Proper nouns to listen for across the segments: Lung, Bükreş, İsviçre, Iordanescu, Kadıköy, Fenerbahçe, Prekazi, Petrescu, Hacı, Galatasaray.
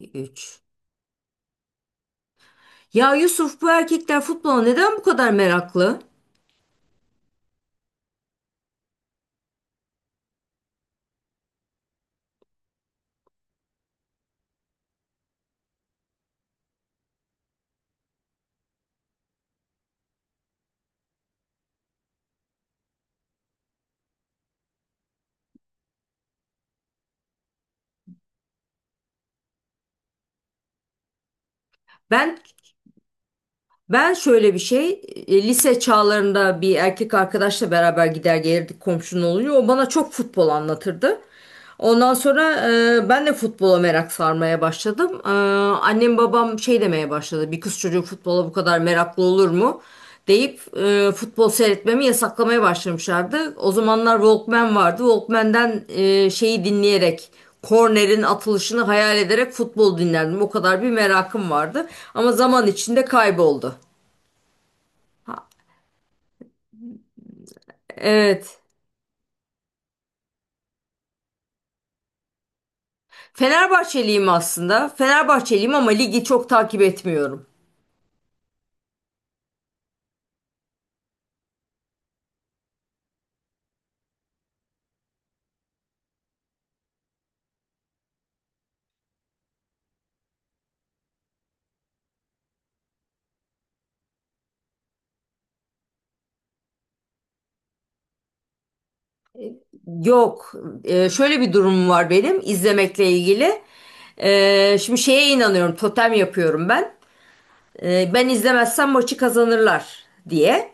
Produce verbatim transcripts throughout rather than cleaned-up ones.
üç. Ya Yusuf bu erkekler futbola neden bu kadar meraklı? Ben Ben şöyle bir şey, e, lise çağlarında bir erkek arkadaşla beraber gider gelirdik komşunun oluyor. O bana çok futbol anlatırdı. Ondan sonra e, ben de futbola merak sarmaya başladım. E, annem babam şey demeye başladı. Bir kız çocuğu futbola bu kadar meraklı olur mu? Deyip e, futbol seyretmemi yasaklamaya başlamışlardı. O zamanlar Walkman vardı. Walkman'den e, şeyi dinleyerek kornerin atılışını hayal ederek futbol dinlerdim. O kadar bir merakım vardı. Ama zaman içinde kayboldu. Evet. Fenerbahçeliyim aslında. Fenerbahçeliyim ama ligi çok takip etmiyorum. Yok. Ee, şöyle bir durumum var benim izlemekle ilgili. Ee, şimdi şeye inanıyorum. Totem yapıyorum ben. Ee, ben izlemezsem maçı kazanırlar diye.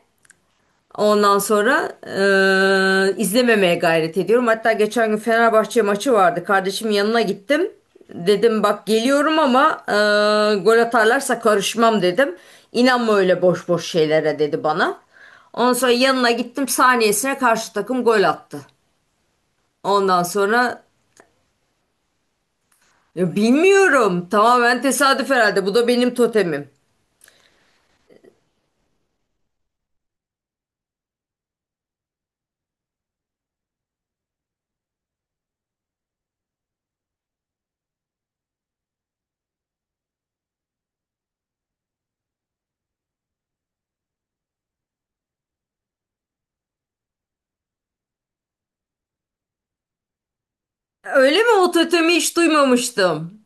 Ondan sonra eee, izlememeye gayret ediyorum. Hatta geçen gün Fenerbahçe maçı vardı. Kardeşimin yanına gittim. Dedim bak geliyorum ama eee, gol atarlarsa karışmam dedim. İnanma öyle boş boş şeylere dedi bana. Ondan sonra yanına gittim saniyesine karşı takım gol attı. Ondan sonra ya bilmiyorum tamamen tesadüf herhalde bu da benim totemim. Öyle mi? O totemi hiç duymamıştım.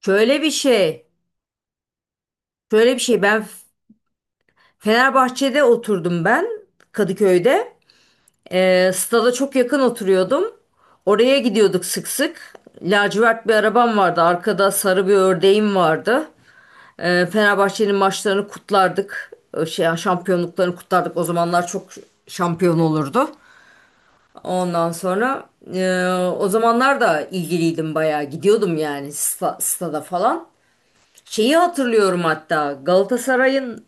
Şöyle bir şey. Şöyle bir şey, ben Fenerbahçe'de oturdum, ben Kadıköy'de. Ee, stada çok yakın oturuyordum. Oraya gidiyorduk sık sık. Lacivert bir arabam vardı. Arkada sarı bir ördeğim vardı. Ee, Fenerbahçe'nin maçlarını kutlardık. Ee, Şey, yani şampiyonluklarını kutlardık. O zamanlar çok şampiyon olurdu. Ondan sonra e, o zamanlar da ilgiliydim bayağı. Gidiyordum yani sta- stada falan. Şeyi hatırlıyorum hatta Galatasaray'ın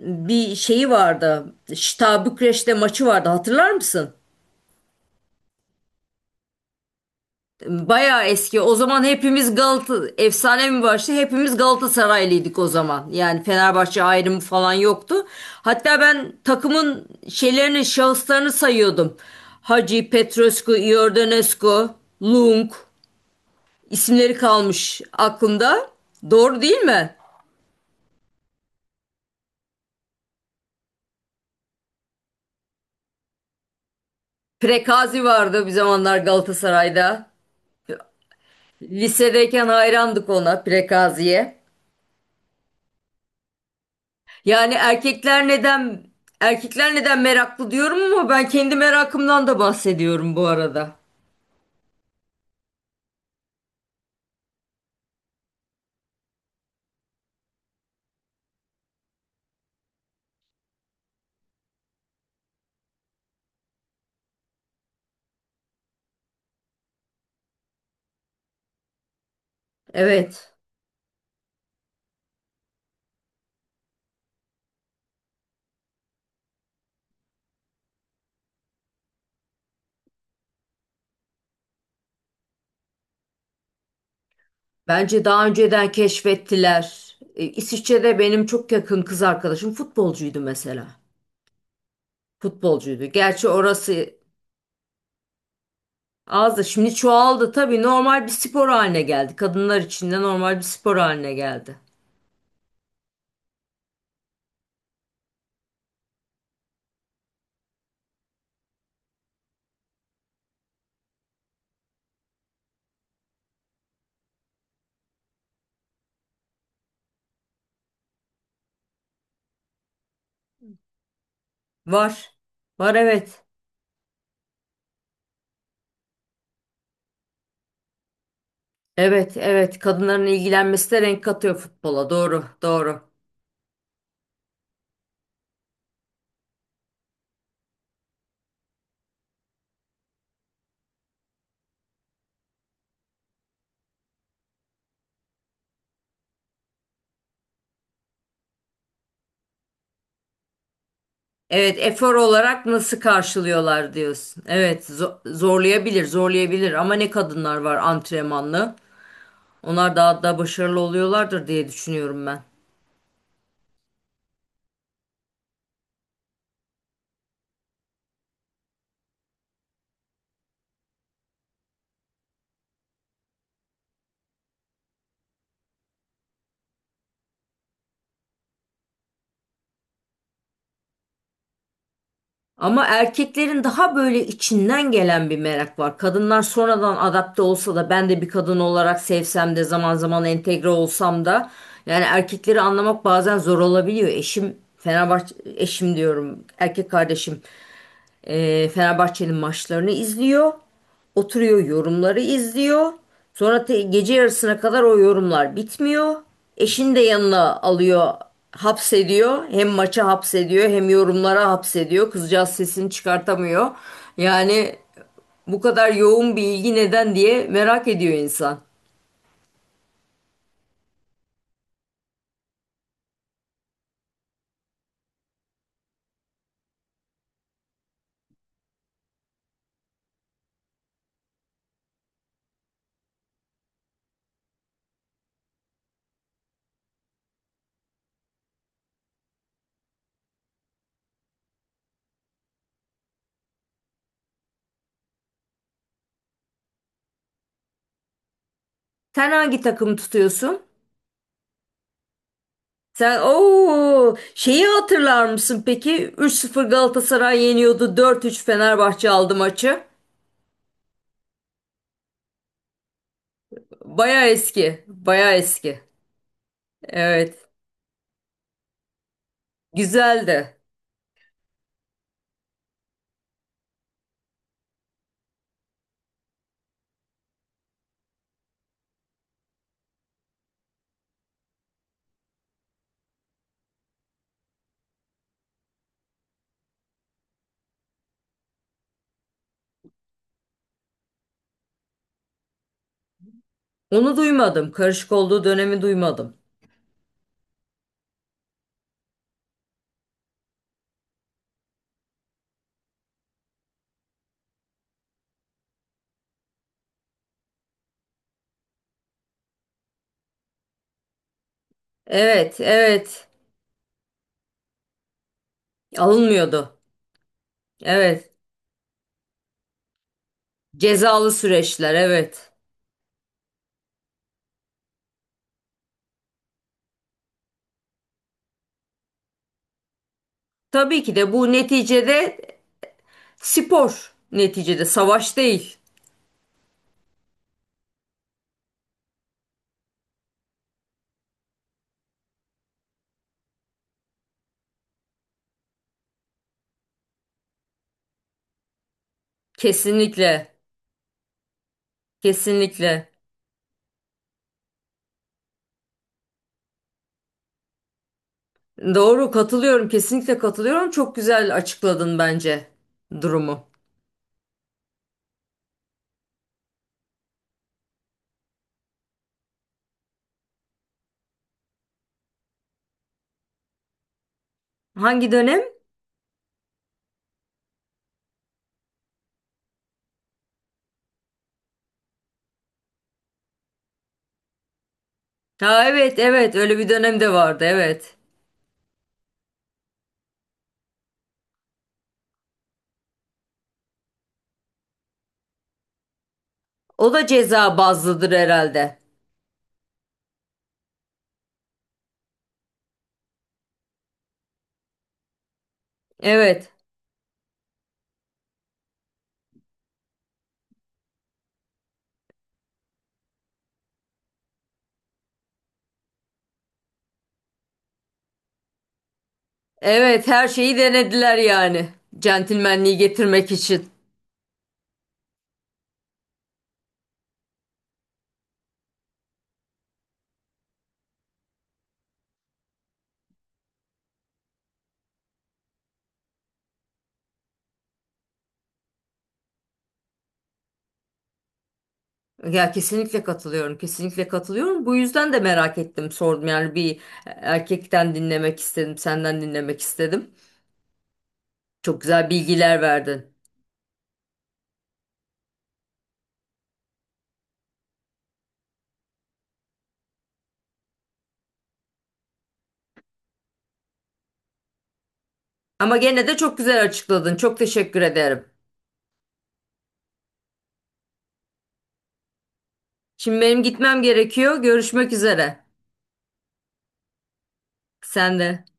bir şeyi vardı. Şta Bükreş'te maçı vardı. Hatırlar mısın? Bayağı eski. O zaman hepimiz Galata efsane mi başladı? Hepimiz Galatasaraylıydık o zaman. Yani Fenerbahçe ayrımı falan yoktu. Hatta ben takımın şeylerini, şahıslarını sayıyordum. Hacı, Petrescu, Iordanescu, Lung isimleri kalmış aklımda. Doğru değil mi? Prekazi vardı bir zamanlar Galatasaray'da. Lisedeyken hayrandık ona, Prekazi'ye. Yani erkekler neden erkekler neden meraklı diyorum ama ben kendi merakımdan da bahsediyorum bu arada. Evet. Bence daha önceden keşfettiler. E, İsviçre'de benim çok yakın kız arkadaşım futbolcuydu mesela. Futbolcuydu. Gerçi orası azdı. Şimdi çoğaldı tabii. Normal bir spor haline geldi. Kadınlar için de normal bir spor haline geldi. Var. Var, evet. Evet, evet. Kadınların ilgilenmesi de renk katıyor futbola. Doğru, doğru. Evet, efor olarak nasıl karşılıyorlar diyorsun. Evet, zo- zorlayabilir, zorlayabilir ama ne kadınlar var antrenmanlı. Onlar daha da başarılı oluyorlardır diye düşünüyorum ben. Ama erkeklerin daha böyle içinden gelen bir merak var. Kadınlar sonradan adapte olsa da, ben de bir kadın olarak sevsem de, zaman zaman entegre olsam da yani erkekleri anlamak bazen zor olabiliyor. Eşim Fenerbahçe, eşim diyorum, erkek kardeşim. e, Fenerbahçe'nin maçlarını izliyor. Oturuyor, yorumları izliyor. Sonra te- gece yarısına kadar o yorumlar bitmiyor. Eşini de yanına alıyor, hapsediyor. Hem maça hapsediyor hem yorumlara hapsediyor. Kızcağız sesini çıkartamıyor. Yani bu kadar yoğun bir ilgi neden diye merak ediyor insan. Sen hangi takımı tutuyorsun? Sen ooo şeyi hatırlar mısın peki? Üç sıfır Galatasaray yeniyordu. dört üç Fenerbahçe aldı maçı. Baya eski, baya eski. Evet, güzeldi. Onu duymadım. Karışık olduğu dönemi duymadım. Evet, evet. Alınmıyordu. Evet. Cezalı süreçler, evet. Tabii ki de bu neticede spor. Neticede savaş değil. Kesinlikle, kesinlikle. Doğru, katılıyorum, kesinlikle katılıyorum. Çok güzel açıkladın bence durumu. Hangi dönem? Ha evet, evet. Öyle bir dönem de vardı, evet. O da ceza bazlıdır herhalde. Evet. Evet, her şeyi denediler yani. Centilmenliği getirmek için. Ya kesinlikle katılıyorum. Kesinlikle katılıyorum. Bu yüzden de merak ettim, sordum. Yani bir erkekten dinlemek istedim, senden dinlemek istedim. Çok güzel bilgiler verdin. Ama gene de çok güzel açıkladın. Çok teşekkür ederim. Şimdi benim gitmem gerekiyor. Görüşmek üzere. Sen de.